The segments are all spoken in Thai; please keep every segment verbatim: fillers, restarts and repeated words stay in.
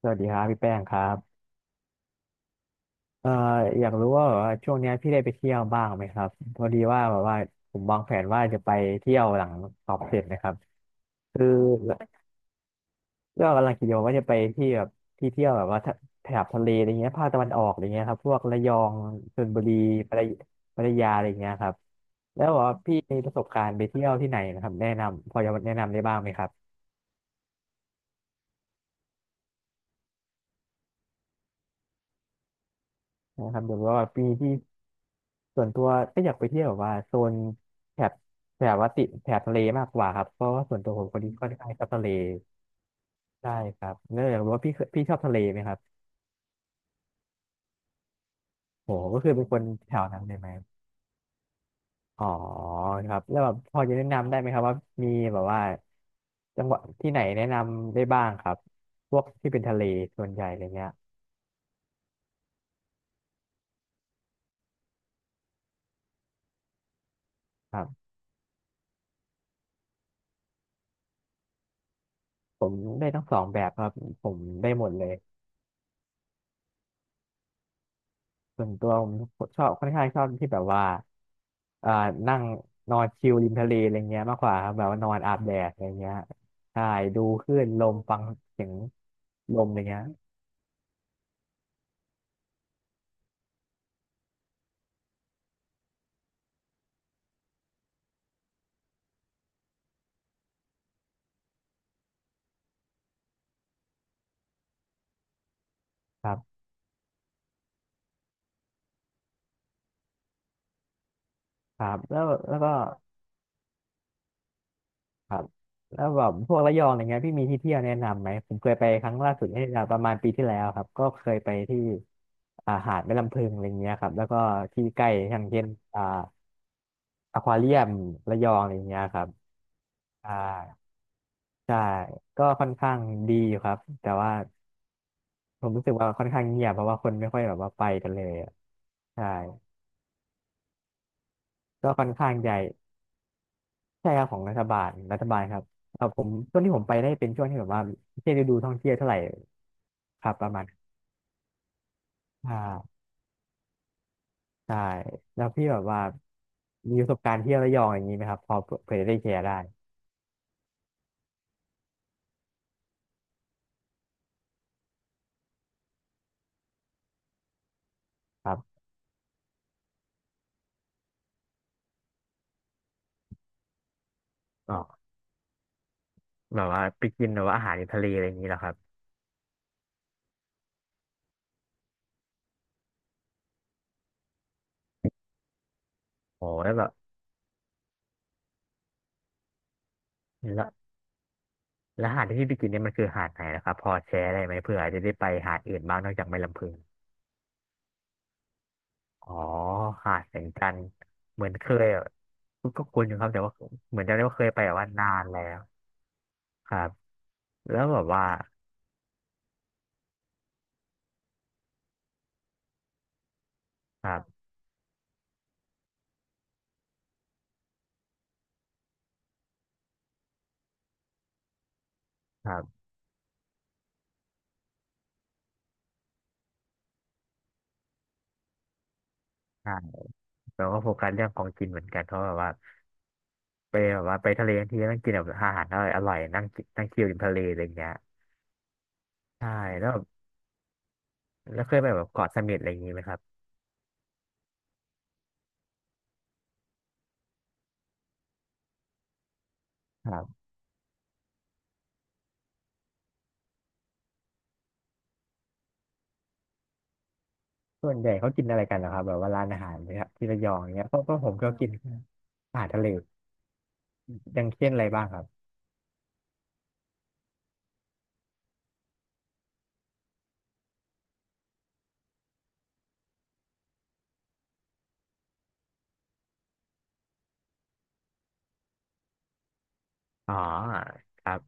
สวัสดีครับพี่แป้งครับเอ่ออยากรู้ว่าแบบว่าช่วงเนี้ยพี่ได้ไปเที่ยวบ้างไหมครับพอดีว่าแบบว่าผมวางแผนว่าจะไปเที่ยวหลังสอบเสร็จนะครับคือก็กำลังคิดอยู่ว่าจะไปที่แบบที่เที่ยวแบบว่าทะแถบทะเลอะไรเงี้ยภาคตะวันออกอะไรเงี้ยครับพวกระยองชลบุรีพัทยพัทยาอะไรเงี้ยครับแล้วบอกว่าพี่มีประสบการณ์ไปเที่ยวที่ไหนนะครับแนะนำพอจะแนะนำได้บ้างไหมครับนะครับเดี๋ยวว่าปีที่ ส่วนตัวก็อยากไปเที่ยวแบบว่าโซนแถบแบบว่าติดแถบทะเลมากกว่าครับเพราะว่าส่วนตัวผมคนนี้ก็ค่อนข้างชอบทะเลได้ครับเนื่องจากรู้ว่าพี่เคยพี่ชอบทะเลไหมครับโหก็คือเป็นคนแถวนั้นเลยไหมอ๋อครับแล้วแบบพอจะแนะนำได้ไหมครับว่ามีแบบว่าจังหวัดที่ไหนแนะนำได้บ้างครับพวกที่เป็นทะเลส่วนใหญ่อะไรเงี้ยครับผมได้ทั้งสองแบบครับผมได้หมดเลย ส่วนตัวผมชอบค่อนข้างชอบที่แบบว่าอ่านั่งนอนชิลริมทะเลอะไรเงี้ยมากกว่าครับแบบว่านอนอาบแดดอะไรเงี้ยใช่ดูคลื่นลมฟังเสียงลมอะไรเงี้ยครับครับแล้วแล้วก็ครับแล้วแบบพวกระยองอะไรเงี้ยพี่มีที่เที่ยวแนะนำไหม ผมเคยไปครั้งล่าสุดนี่ประมาณปีที่แล้วครับก็เคยไปที่อ่าหาดแม่ลำพึงอะไรเงี้ยครับแล้วก็ที่ใกล้อย่างเช่นอ่าอควาเรียมระยองอะไรเงี้ยครับใช่ ใช่ก็ค่อนข้างดีอยู่ครับแต่ว่าผมรู้สึกว่าค่อนข้างเงียบเพราะว่าคนไม่ค่อยแบบว่าไปกันเลยอะใช่ก็ค่อนข้างใหญ่ใช่ครับของรัฐบาลรัฐบาลครับเออผมช่วงที่ผมไปได้เป็นช่วงที่แบบว่าไม่ใช่ฤดูท่องเที่ยวเท่าไหร่ครับประมาณอ่าใช่แล้วพี่แบบว่ามีประสบการณ์เที่ยวระยองอย่างนี้ไหมครับพอเผื่อจะได้แชร์ได้ครับอ๋อแบบว่าไปกินแบบว่าอาหารทะเลอะไรอย่างนี้เหรอครับโอ้แล้วแบบแล้ว แล้วหาดที่พี่ไปกินเนี่ยมันคือหาดไหนนะครับพอแชร์ได้ไหมเผื่อจะได้ไปหาดอื่นบ้างนอกจากแม่ลำพึงอ๋อหาดแสงจันทร์เหมือนเคยอะก็ก็คุ้นอยู่ครับแต่ว่าเหมือนจะได้ว่าเคยไปแต่ว่านานแล้วครับแล้วแบบว่าครับครับใช่แต่ว่าโฟกัสเรื่องของกินเหมือนกันเพราะแบบว่าไปแบบว่าไปทะเลทั้งทีต้องกินแบบอาหารอร่อยอร่อยนั่งกินนั่งชิลริมทะเลอะไรอย่างเงี้ยใช่แล้วแบบแล้วเคยไปแบบเกาะเสม็ดอะไรอย่างงี้ไหมครับครับ ส่วนใหญ่เขากินอะไรกันนะครับแบบว่าร้านอาหารเนี่ยครับที่ระยองเนี่ยเพราะเพราะผมก็กินอาหารทะเลอย่างเช่นอะไรบ้างครับอ๋อครับ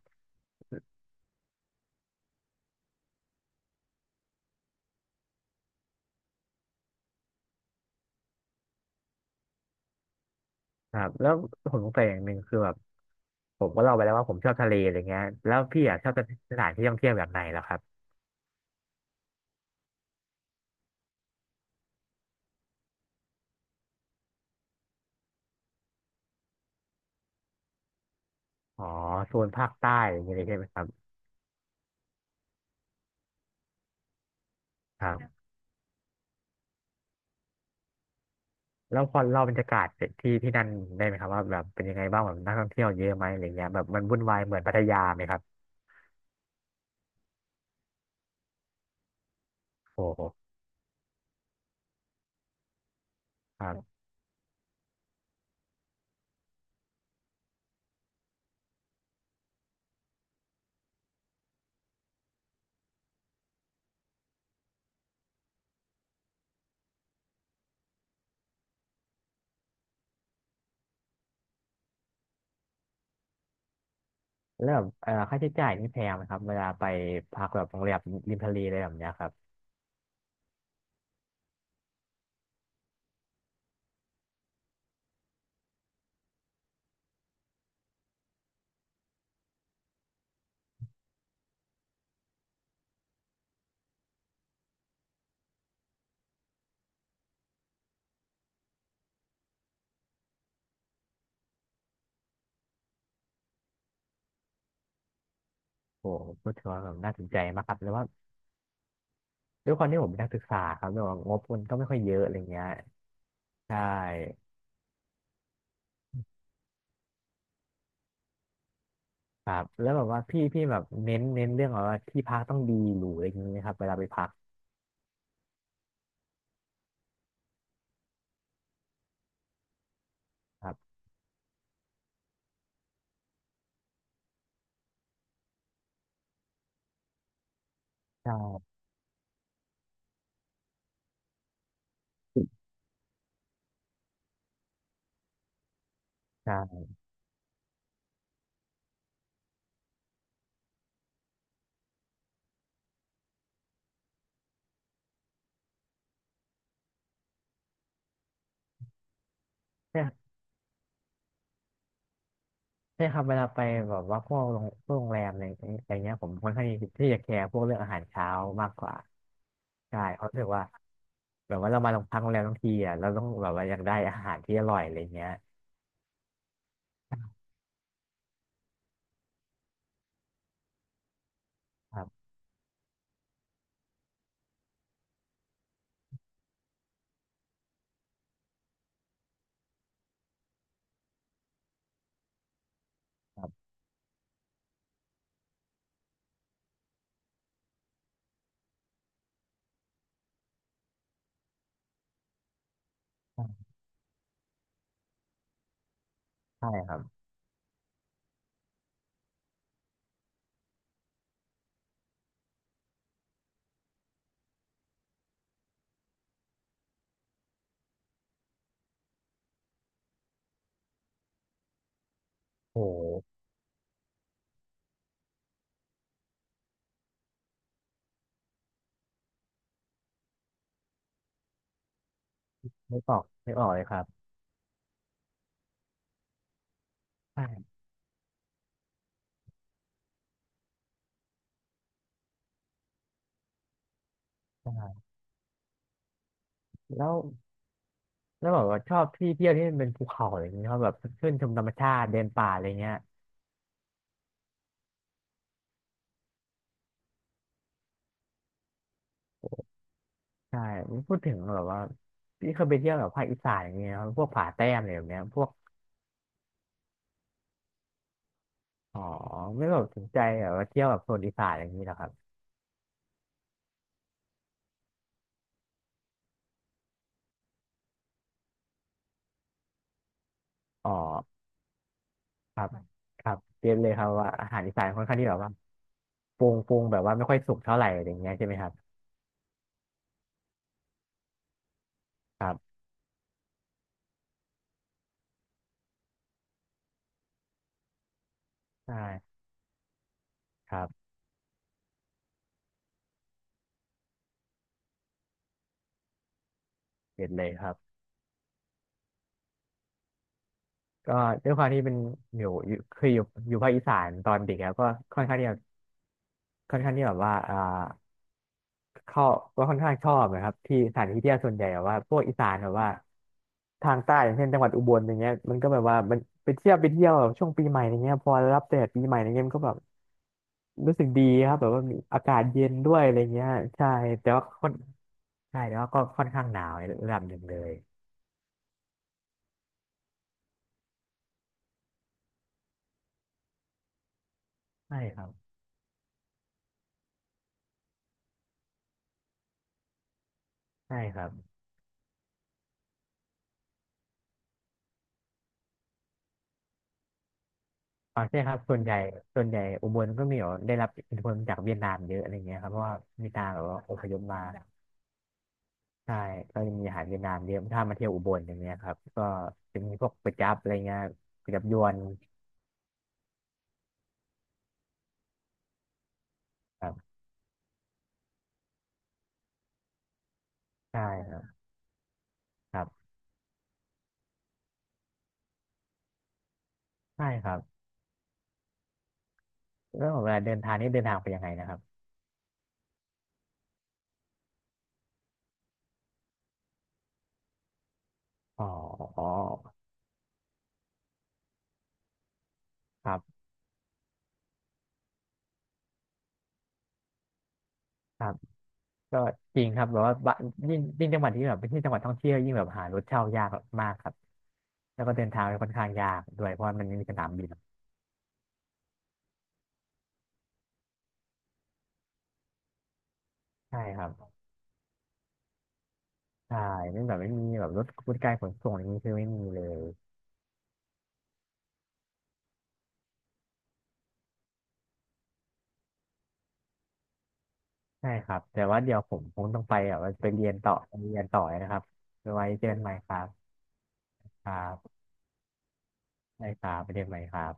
ครับแล้วผมสงสัยอย่างหนึ่งคือแบบผมก็เล่าไปแล้วว่าผมชอบทะเลอะไรเงี้ยแล้วพี่อ่ะชอบสถานที่ท่องเที่ยวแบบไหนแล้วครับอ๋อโซนภาคใต้อะไรอย่างเงี้ยเลยใช่ไหมครับครับแล้วพอเล่าบรรยากาศที่ที่นั่นได้ไหมครับว่าแบบเป็นยังไงบ้างแบบนักท่องเที่ยวเยอะไหมอะไรเงี้ยแบบมันวุ่นวายเหมือนพัทยาไหมครับโอ้โหครับ แล้วแบบเอ่อค่าใช้จ่ายนี่แพงไหมครับเวลาไปพักแบบโรงแรมริมทะเลอะไรแบบเนี้ยครับโอ้โหก็ถือว่าแบบน่าสนใจมากครับแล้วว่าด้วยความที่ผมเป็นนักศึกษาครับแล้วแบบงบมันก็ไม่ค่อยเยอะอะไรเงี้ยใช่ครับแล้วแบบว่าพี่พี่แบบเน้นเน้นเรื่องแบบว่าที่พักต้องดีหรูอะไรอย่างเงี้ยครับเวลาไปพักครับใช่ใช่ใช่ใช่ครับเวลาไปแบบว่าพวกโรงพวกโรงแรมอะไรอะไรเงี้ยผมค่อนข้างที่จะแคร์พวกเรื่องอาหารเช้ามากกว่าใช่เพราะรู้สึกว่า แบบว่าเรามาลงพักโรงแรมทั้งทีอ่ะเราต้องแบบว่าอยากได้อาหารที่อร่อยอะไรเงี้ยครับครับใช่ใช่ครับโอ้ไม่ออกไม่ออกเลยครับใช่ใช่แล้วแล้วแบบว่าชอบที่เที่ยวที่มันเป็นภูเขาอะไรอย่างเงี้ยชอบแบบขึ้นชมธรรมชาติเดินป่าอะไรเงี้ยใช่พูดถึงแบบว่าพี่เคยไปเที่ยวแบบภาคอีสานอย่างเงี้ยครับพวกผาแต้มอะไรแบบเนี้ยพวกอ๋อไม่แบบสนใจแบบว่าเที่ยวแบบโซนอีสานอะไรอย่างนี้เหรอครับอ๋อครับครับเร็นเลยครับว่าอาหารอีสานค่อนข้างที่แบบว่าปรุงปรุงแบบว่าไม่ค่อยสุกเท่าไหร่อะไรอย่างเงี้ยใช่ไหมครับ ครับใช่ครับเด็ดเลยครับก็ด้วยความที่เป็นอยู่อยู่เคยอยู่อยู่ภาคอีสานตอนเด็กครับก็ค่อนข้างที่จะค่อนข้างที่แบบว่าอ่าเข้าก็ค่อนข้างชอบนะครับที่สถานที่เที่ยวส่วนใหญ่แบบว่าพวกอีสานแบบว่าทางใต้อย่างเช่นจังหวัดอุบลอย่างเงี้ยมันก็แบบว่ามันไปเที่ยวไปเที่ยวแบบช่วงปีใหม่อย่างเงี้ยพอรับแดดปีใหม่อย่างเงี้ยมันก็แบบรู้สึกดีครับแบบว่ามีอากาศเย็นด้วยอะไรเงี้ยใช่แต่ว่าค่อนใช่แต่ว่าก็ค่อนข้างหนาวในระดับหนึ่งเลยใช่ครับใช่ครับ อ๋อใช่ครับส่วนใหญ่ส่วนใหญ่อุบลก็มีแบบได้รับอิทธิพลจากเวียดนามเยอะอะไรเงี้ยครับเพราะว่ามีตาแบบว่าอพยพมาใช่ก็จะมีอาหารเวียดนามเยอะถ้ามาเที่ยวอุบลอย่างเงี้ยครับก็จะมีพวกก๋วยจั๊บอะไรเงี้ยก๋วยจั๊บยวนครับใช่ครับครับใช่ครับแล้วเวลาเดินทางนี่เดินทางไปยังไงนะครับอ๋อครับครับก็จริงครับแบบว่าบะยิ่งยิ่งจังหวัดที่แบบเป็นที่จังหวัดท่องเที่ยวยิ่งแบบหารถเช่ายากมากครับแล้วก็เดินทางค่อนข้างยากด้วยเพราะว่ามันไม่มีสนามบินใช่ครับ ใช่ไม่แบบไม่มีแบบรถบริการขนส่งอย่างนี้คือไม่มีเลยใช่ครับแต่ว่าเดี๋ยวผมคงต้องไปแบบว่าไปเรียนต่อไปเรียนต่อนะครับไว้เจอกันใหม่ครับครับได้ครับไปเรียนใหม่ครับ